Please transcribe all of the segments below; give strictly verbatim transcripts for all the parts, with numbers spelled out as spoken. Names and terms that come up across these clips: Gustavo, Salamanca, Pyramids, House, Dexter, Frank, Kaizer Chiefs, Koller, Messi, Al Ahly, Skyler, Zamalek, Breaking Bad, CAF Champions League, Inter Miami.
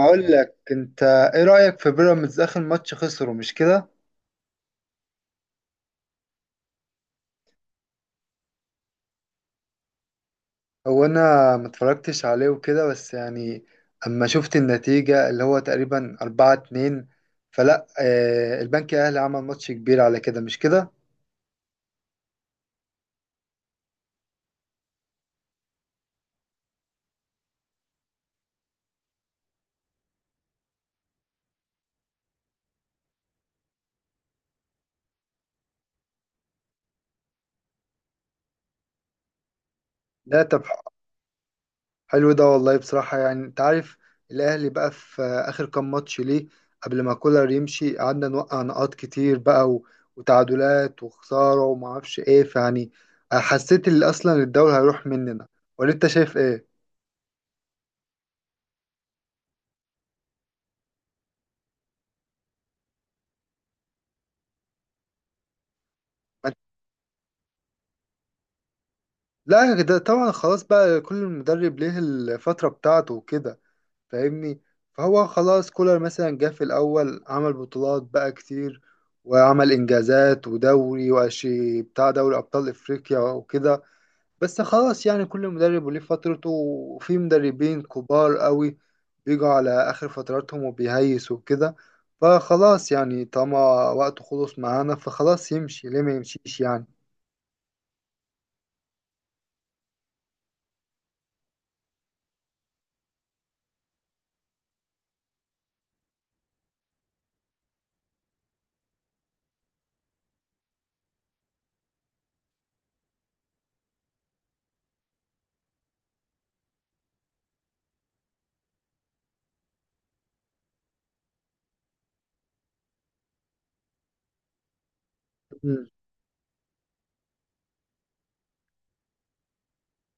اقول لك انت ايه رأيك في بيراميدز؟ اخر ماتش خسره، مش كده؟ هو انا ما اتفرجتش عليه وكده، بس يعني اما شفت النتيجة اللي هو تقريبا اربعة اثنين، فلا آه البنك الاهلي عمل ماتش كبير على كده، مش كده؟ لا طب، حلو ده والله بصراحة، يعني انت عارف الاهلي بقى في اخر كام ماتش ليه، قبل ما كولر يمشي قعدنا نوقع نقاط كتير بقى و- وتعادلات وخسارة وما اعرفش ايه، فيعني حسيت اللي اصلا الدوري هيروح مننا، ولا انت شايف ايه؟ لا ده طبعا، خلاص بقى كل مدرب ليه الفترة بتاعته وكده، فاهمني؟ فهو خلاص كولر مثلا جه في الأول، عمل بطولات بقى كتير وعمل إنجازات ودوري وأشي بتاع دوري أبطال إفريقيا وكده، بس خلاص يعني كل مدرب وليه فترته، وفي مدربين كبار قوي بيجوا على آخر فتراتهم وبيهيسوا وكده، فخلاص يعني طالما وقته خلص معانا فخلاص يمشي، ليه ما يمشيش يعني.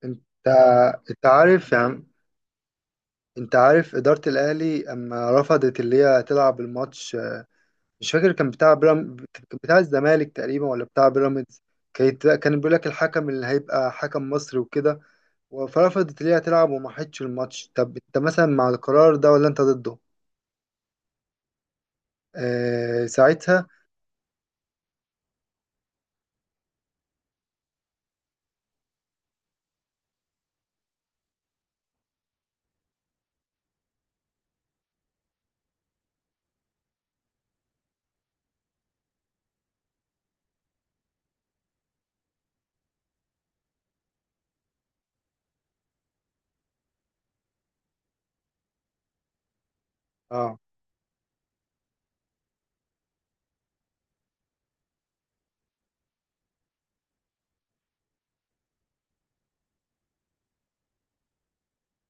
انت انت عارف يا عم، انت عارف إدارة الأهلي أما رفضت اللي هي تلعب الماتش، مش فاكر كان بتاع بيرام كان بتاع الزمالك تقريبا ولا بتاع بيراميدز، كانت كان بيقول لك الحكم اللي هيبقى حكم مصري وكده، فرفضت اللي هي تلعب وما حدش الماتش. طب انت مثلا مع القرار ده ولا انت ضده؟ آه ساعتها. آه.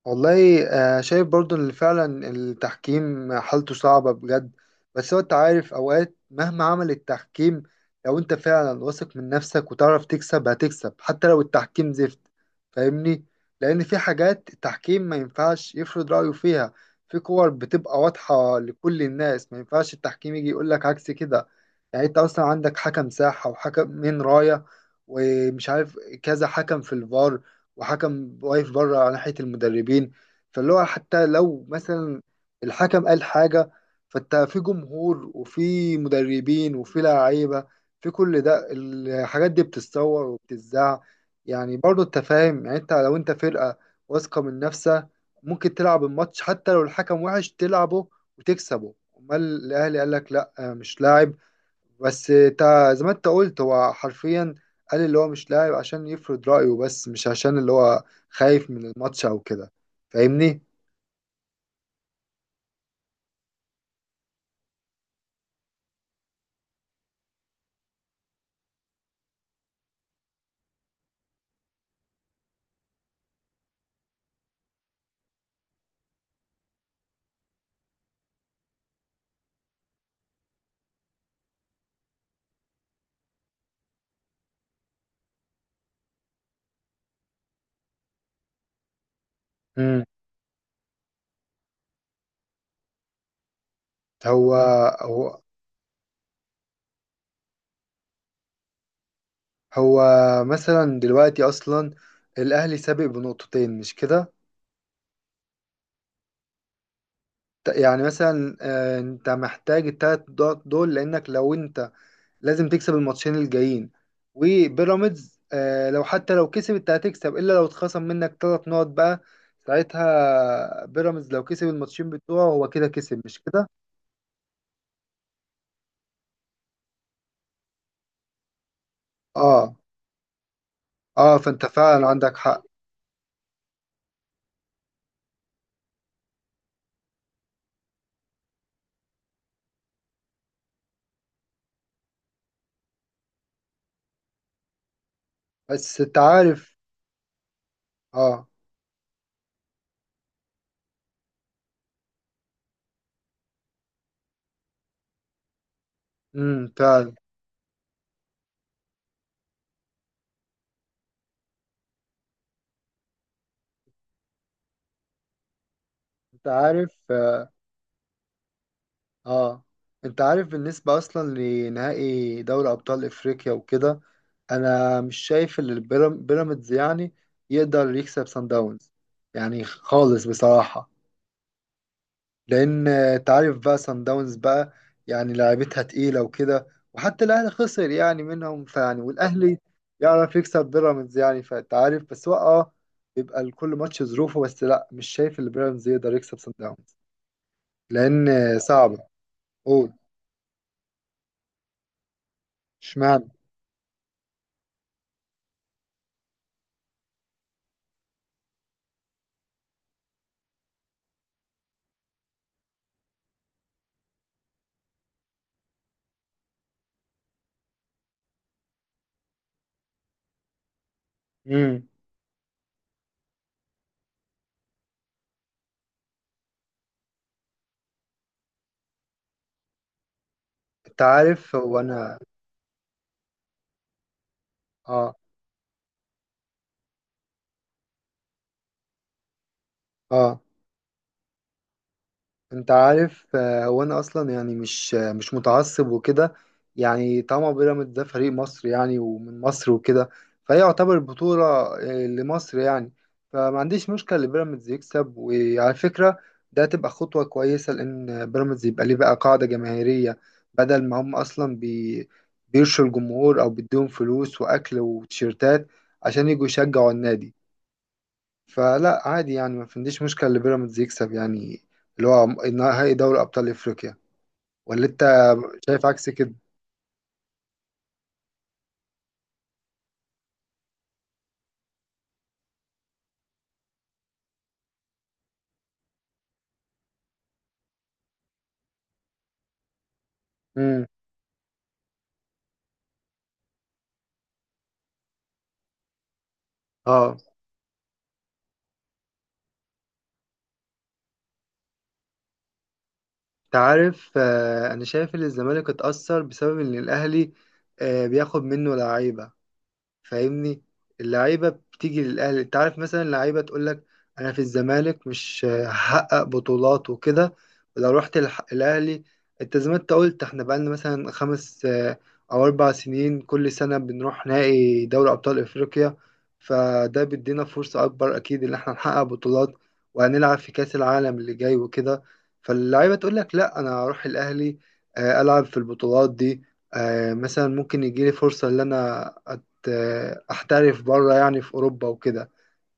والله آه، شايف برضو ان فعلا التحكيم حالته صعبة بجد، بس هو انت عارف اوقات مهما عمل التحكيم، لو انت فعلا واثق من نفسك وتعرف تكسب هتكسب حتى لو التحكيم زفت، فاهمني؟ لان في حاجات التحكيم ما ينفعش يفرض رأيه فيها، في كور بتبقى واضحة لكل الناس ما ينفعش التحكيم يجي يقول لك عكس كده. يعني انت اصلا عندك حكم ساحة وحكم من راية ومش عارف كذا حكم في الفار، وحكم واقف بره على ناحية المدربين، فاللي هو حتى لو مثلا الحكم قال حاجة، فانت في جمهور وفي مدربين وفي لعيبة، في كل ده الحاجات دي بتتصور وبتتذاع، يعني برضه انت فاهم. يعني انت لو انت فرقة واثقة من نفسها ممكن تلعب الماتش حتى لو الحكم وحش، تلعبه وتكسبه. امال الاهلي قال لك لا مش لاعب بس، تا زي ما انت قلت هو حرفيا قال اللي هو مش لاعب عشان يفرض رأيه، بس مش عشان اللي هو خايف من الماتش او كده، فاهمني؟ امم، هو هو هو مثلا دلوقتي اصلا الاهلي سابق بنقطتين، مش كده؟ ت- يعني مثلا آه، انت محتاج التلات نقط دول، لانك لو انت لازم تكسب الماتشين الجايين، وبيراميدز آه، لو حتى لو كسبت هتكسب الا لو اتخصم منك ثلاث نقط بقى، ساعتها بيراميدز لو كسب الماتشين بتوعه هو كده كسب، مش كده؟ اه اه، فانت فعلا عندك حق. بس انت عارف، اه. امم فعلا. انت عارف اه. آه، انت عارف بالنسبة اصلا لنهائي دوري ابطال افريقيا وكده، انا مش شايف ان البيرام- بيراميدز يعني يقدر يكسب سان داونز، يعني خالص بصراحة، لان انت عارف بقى سان داونز بقى يعني لعيبتها تقيله وكده، وحتى الاهلي خسر يعني منهم، فيعني والاهلي يعرف يكسب بيراميدز يعني، فانت عارف، بس هو اه بيبقى لكل ماتش ظروفه، بس لا مش شايف ان بيراميدز يقدر يكسب سان داونز لان آه، صعبه. قول. اشمعنى. امم. انت عارف هو انا اه. اه انت عارف آه، هو انا اصلا يعني مش آه، مش متعصب وكده، يعني طبعا بيراميدز ده فريق مصر، يعني ومن مصر وكده، فهي يعتبر بطولة آه، لمصر يعني، فما عنديش مشكلة لبيراميدز يكسب. وعلى فكرة ده تبقى خطوة كويسة، لان بيراميدز يبقى ليه بقى قاعدة جماهيرية، بدل ما هم اصلا بي بيرشوا الجمهور او بيديهم فلوس واكل وتيشيرتات عشان يجوا يشجعوا النادي، فلا عادي يعني، ما عنديش مشكلة اللي بيراميدز يكسب يعني اللي هو نهائي دوري أبطال أفريقيا، ولا أنت شايف عكس كده؟ امم. اه انت عارف آه، انا شايف ان الزمالك اتأثر بسبب ان الاهلي آه، بياخد منه لعيبة، فاهمني؟ اللعيبه بتيجي للاهلي، انت عارف مثلا اللعيبه تقول لك انا في الزمالك مش هحقق بطولات وكده، ولو رحت الح- الاهلي، انت زي ما انت قلت احنا بقالنا مثلا خمس آه، او اربع سنين كل سنه بنروح نهائي دوري ابطال افريقيا، فده بيدينا فرصه اكبر اكيد ان احنا نحقق بطولات، وهنلعب في كاس العالم اللي جاي وكده، فاللعيبه تقول لك لا انا هروح الاهلي آه، العب في البطولات دي، آه، مثلا ممكن يجيلي فرصه ان انا آه، احترف بره يعني في اوروبا وكده،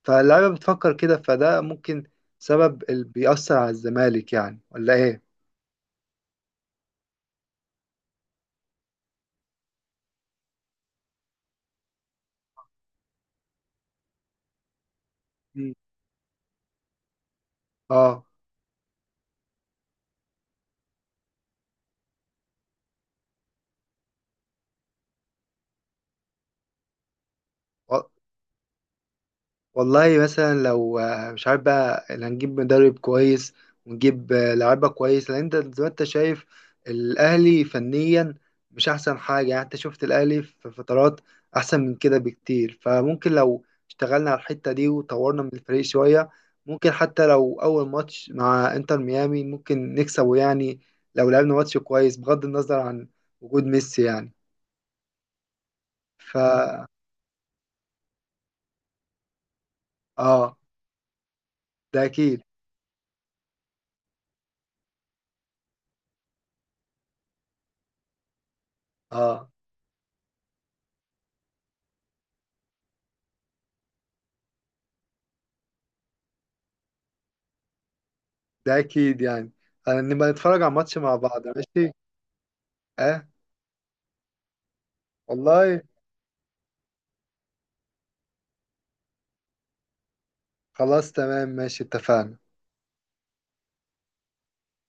فاللعيبه بتفكر كده، فده ممكن سبب اللي بيأثر على الزمالك يعني، ولا ايه؟ مم. اه والله مثلا لو آه، مش عارف بقى اللي هنجيب مدرب كويس ونجيب آه، لعيبه كويس، لان انت زي ما انت شايف الاهلي فنيا مش احسن حاجه، يعني انت شفت الاهلي في فترات احسن من كده بكتير، فممكن لو اشتغلنا على الحته دي وطورنا من الفريق شويه، ممكن حتى لو اول ماتش مع انتر ميامي ممكن نكسبه، يعني لو لعبنا ماتش كويس بغض النظر عن وجود ميسي يعني. ف اه ده اكيد اه ده اكيد يعني، هنبقى نتفرج على الماتش مع بعض ماشي. اه والله، خلاص تمام ماشي، اتفقنا.